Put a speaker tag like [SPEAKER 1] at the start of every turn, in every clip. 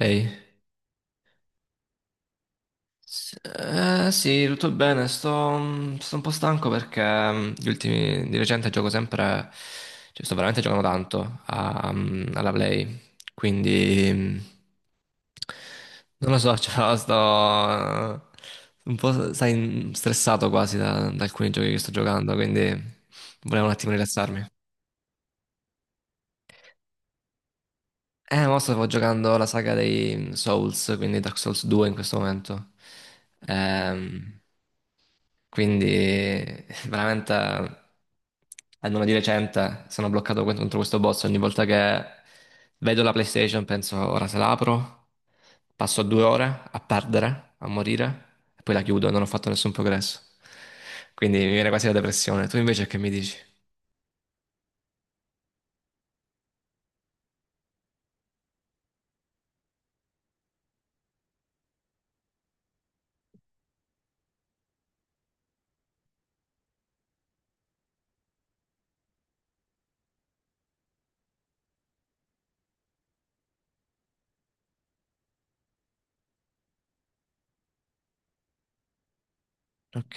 [SPEAKER 1] Ehi, sì, tutto bene, sto un po' stanco perché gli ultimi, di recente gioco sempre, cioè sto veramente giocando tanto alla Play, quindi non lo so, cioè, sto eh, un po' sai, stressato quasi da alcuni giochi che sto giocando, quindi volevo un attimo rilassarmi. Mo stavo giocando la saga dei Souls, quindi Dark Souls 2 in questo momento. Ehm... Quindi veramente almeno di recente sono bloccato contro questo boss ogni volta che vedo la PlayStation penso ora se la apro, passo 2 ore a perdere, a morire e poi la chiudo, non ho fatto nessun progresso. Quindi mi viene quasi la depressione. Tu invece che mi dici? Ok,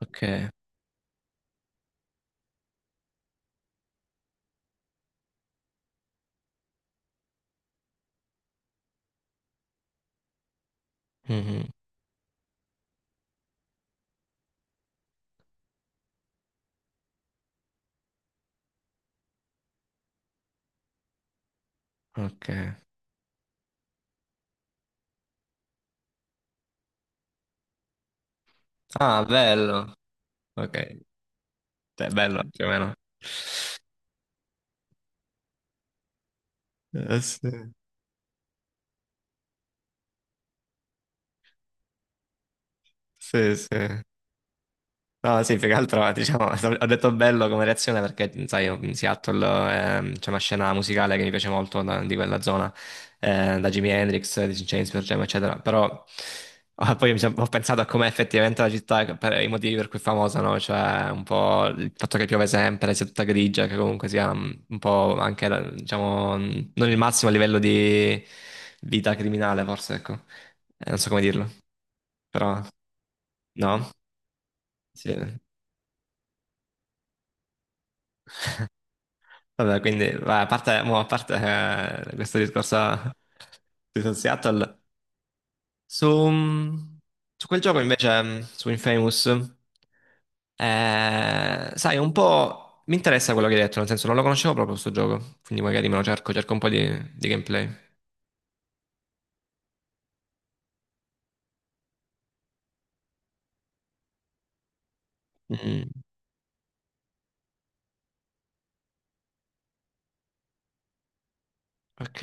[SPEAKER 1] ok, mhm, ok. Ah, bello. Ok, è bello più o meno. Sì, sì, sì. No, sì, più che altro, diciamo, ho detto bello come reazione perché, sai, io in Seattle c'è una scena musicale che mi piace molto di quella zona, da Jimi Hendrix, di James Jam, eccetera, però ah, poi ho pensato a com'è effettivamente la città, per i motivi per cui è famosa, no? Cioè, un po' il fatto che piove sempre, sia tutta grigia, che comunque sia un po' anche, diciamo, non il massimo livello di vita criminale, forse, ecco, non so come dirlo, però, no? Sì. Vabbè, quindi va, a parte, questo discorso di South Seattle, su, su quel gioco invece, su Infamous, sai, un po' mi interessa quello che hai detto, nel senso non lo conoscevo proprio questo gioco, quindi magari me lo cerco, cerco un po' di gameplay. Mm, ok,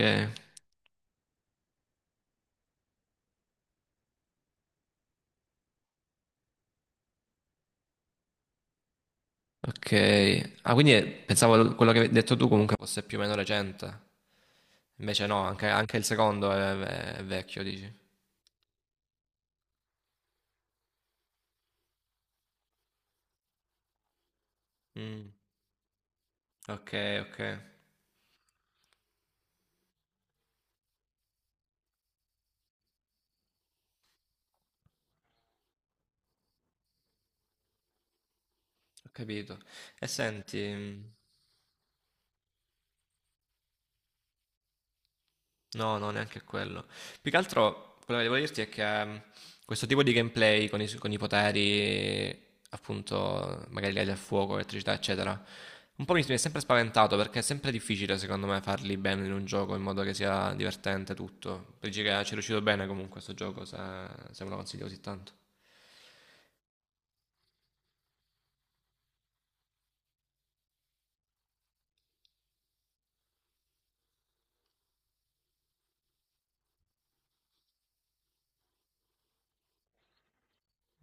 [SPEAKER 1] ok. Ah, quindi pensavo quello che hai detto tu comunque fosse più o meno recente, invece no, anche il secondo è vecchio, dici. Mm, ok, ok. Ho capito. E senti, no, no, neanche quello. Più che altro, quello che devo dirti è che questo tipo di gameplay con i poteri, appunto, magari legati al fuoco, elettricità, eccetera, un po' mi è sempre spaventato perché è sempre difficile, secondo me, farli bene in un gioco in modo che sia divertente tutto. Dici che ci è riuscito bene comunque questo gioco, se me lo consiglio così tanto.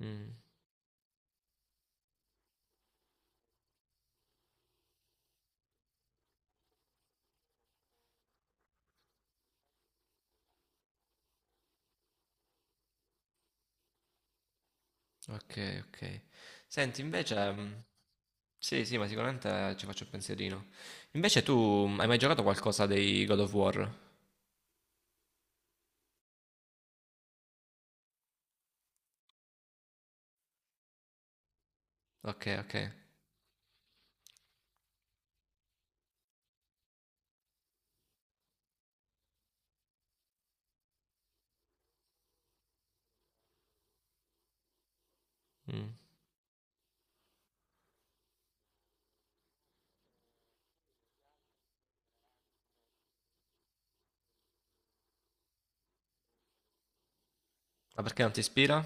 [SPEAKER 1] Mm. Ok, ok. Senti, invece, sì, sì, ma sicuramente ci faccio un pensierino. Invece tu hai mai giocato qualcosa dei God of War? Ok, ok. Mm. Ma perché non ti ispira?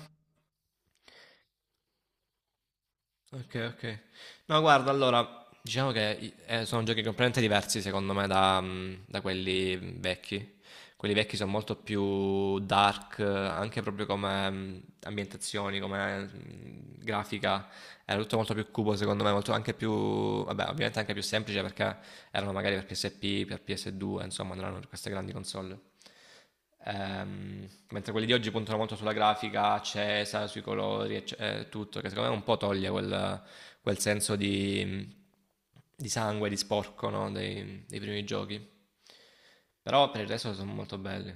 [SPEAKER 1] Ok, ok. No, guarda, allora, diciamo che sono giochi completamente diversi secondo me da quelli vecchi. Quelli vecchi sono molto più dark, anche proprio come ambientazioni, come grafica. Era tutto molto più cubo secondo me, molto anche più, vabbè ovviamente anche più semplice perché erano magari per PSP, per PS2, insomma non erano per queste grandi console. Mentre quelli di oggi puntano molto sulla grafica accesa, sui colori, tutto, che secondo me un po' toglie quel senso di sangue, di sporco, no? dei primi giochi. Però per il resto sono molto belli.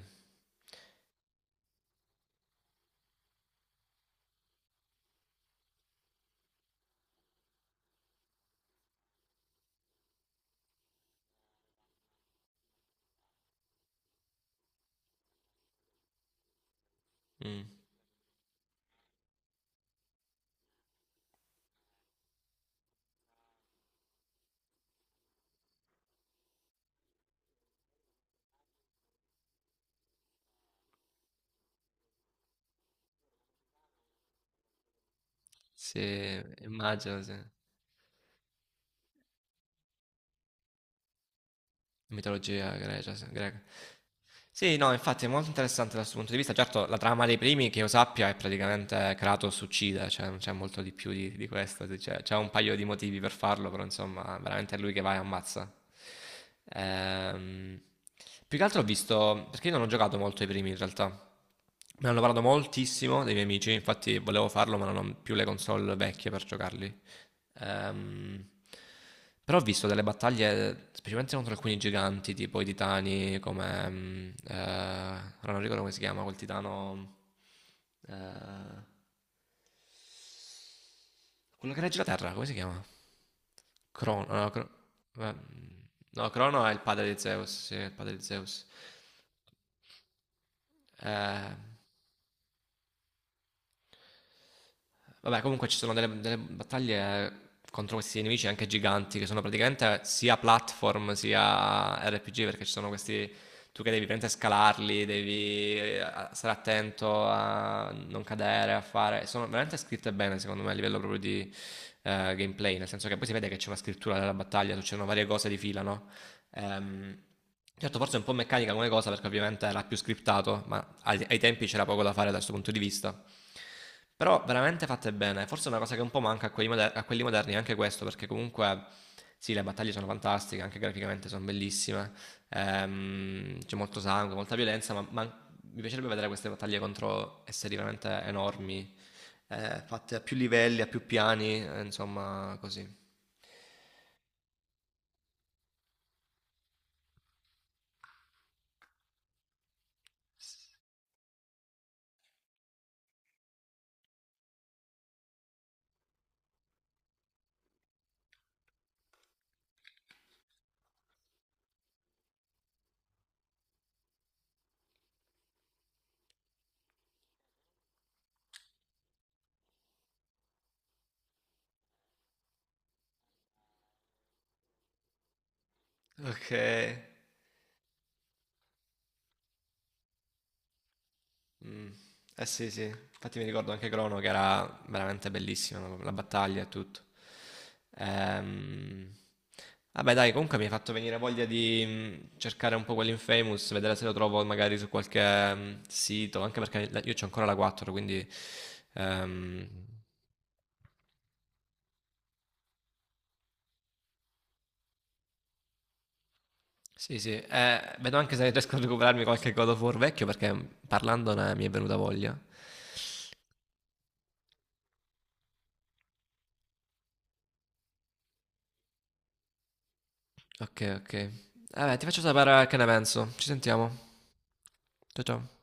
[SPEAKER 1] Mm, sì, immagino, sì. Mitologia grecia, sì, greca. Sì, no, infatti è molto interessante da questo punto di vista. Certo, la trama dei primi, che io sappia, è praticamente Kratos uccide, cioè non c'è molto di più di questo. Cioè, c'è un paio di motivi per farlo, però insomma, veramente è lui che va e ammazza. Ehm, Più che altro ho visto, perché io non ho giocato molto ai primi in realtà. Me ne hanno parlato moltissimo dei miei amici, infatti volevo farlo, ma non ho più le console vecchie per giocarli. Ehm, Però ho visto delle battaglie, specialmente contro alcuni giganti, tipo i titani, come, ora non ricordo come si chiama, quel titano, eh, quello che regge la Terra, come si chiama? Crono, no, eh, no, Crono è il padre di Zeus, sì, è il padre di Zeus. Eh, Vabbè, comunque ci sono delle battaglie contro questi nemici anche giganti, che sono praticamente sia platform sia RPG, perché ci sono questi. Tu che devi praticamente scalarli, devi stare attento a non cadere, a fare. Sono veramente scritte bene, secondo me, a livello proprio di gameplay, nel senso che poi si vede che c'è una scrittura della battaglia, succedono varie cose di fila, no? Ehm, certo, forse è un po' meccanica come cosa, perché ovviamente era più scriptato, ma ai tempi c'era poco da fare da questo punto di vista. Però veramente fatte bene. Forse è una cosa che un po' manca a quelli moderni, anche questo, perché comunque sì, le battaglie sono fantastiche, anche graficamente sono bellissime. C'è molto sangue, molta violenza, ma mi piacerebbe vedere queste battaglie contro esseri veramente enormi, fatte a più livelli, a più piani, insomma, così. Ok. Mm. Eh sì, sì, infatti mi ricordo anche Crono che era veramente bellissima la battaglia e tutto. Ehm, Vabbè, dai, comunque mi hai fatto venire voglia di cercare un po' quell'Infamous, vedere se lo trovo magari su qualche sito, anche perché io c'ho ancora la 4, quindi ehm, sì, sì. Vedo anche se riesco a recuperarmi qualche God of War vecchio perché parlandone mi è venuta voglia. Ok, ok. Vabbè, ti faccio sapere che ne penso. Ci sentiamo. Ciao ciao.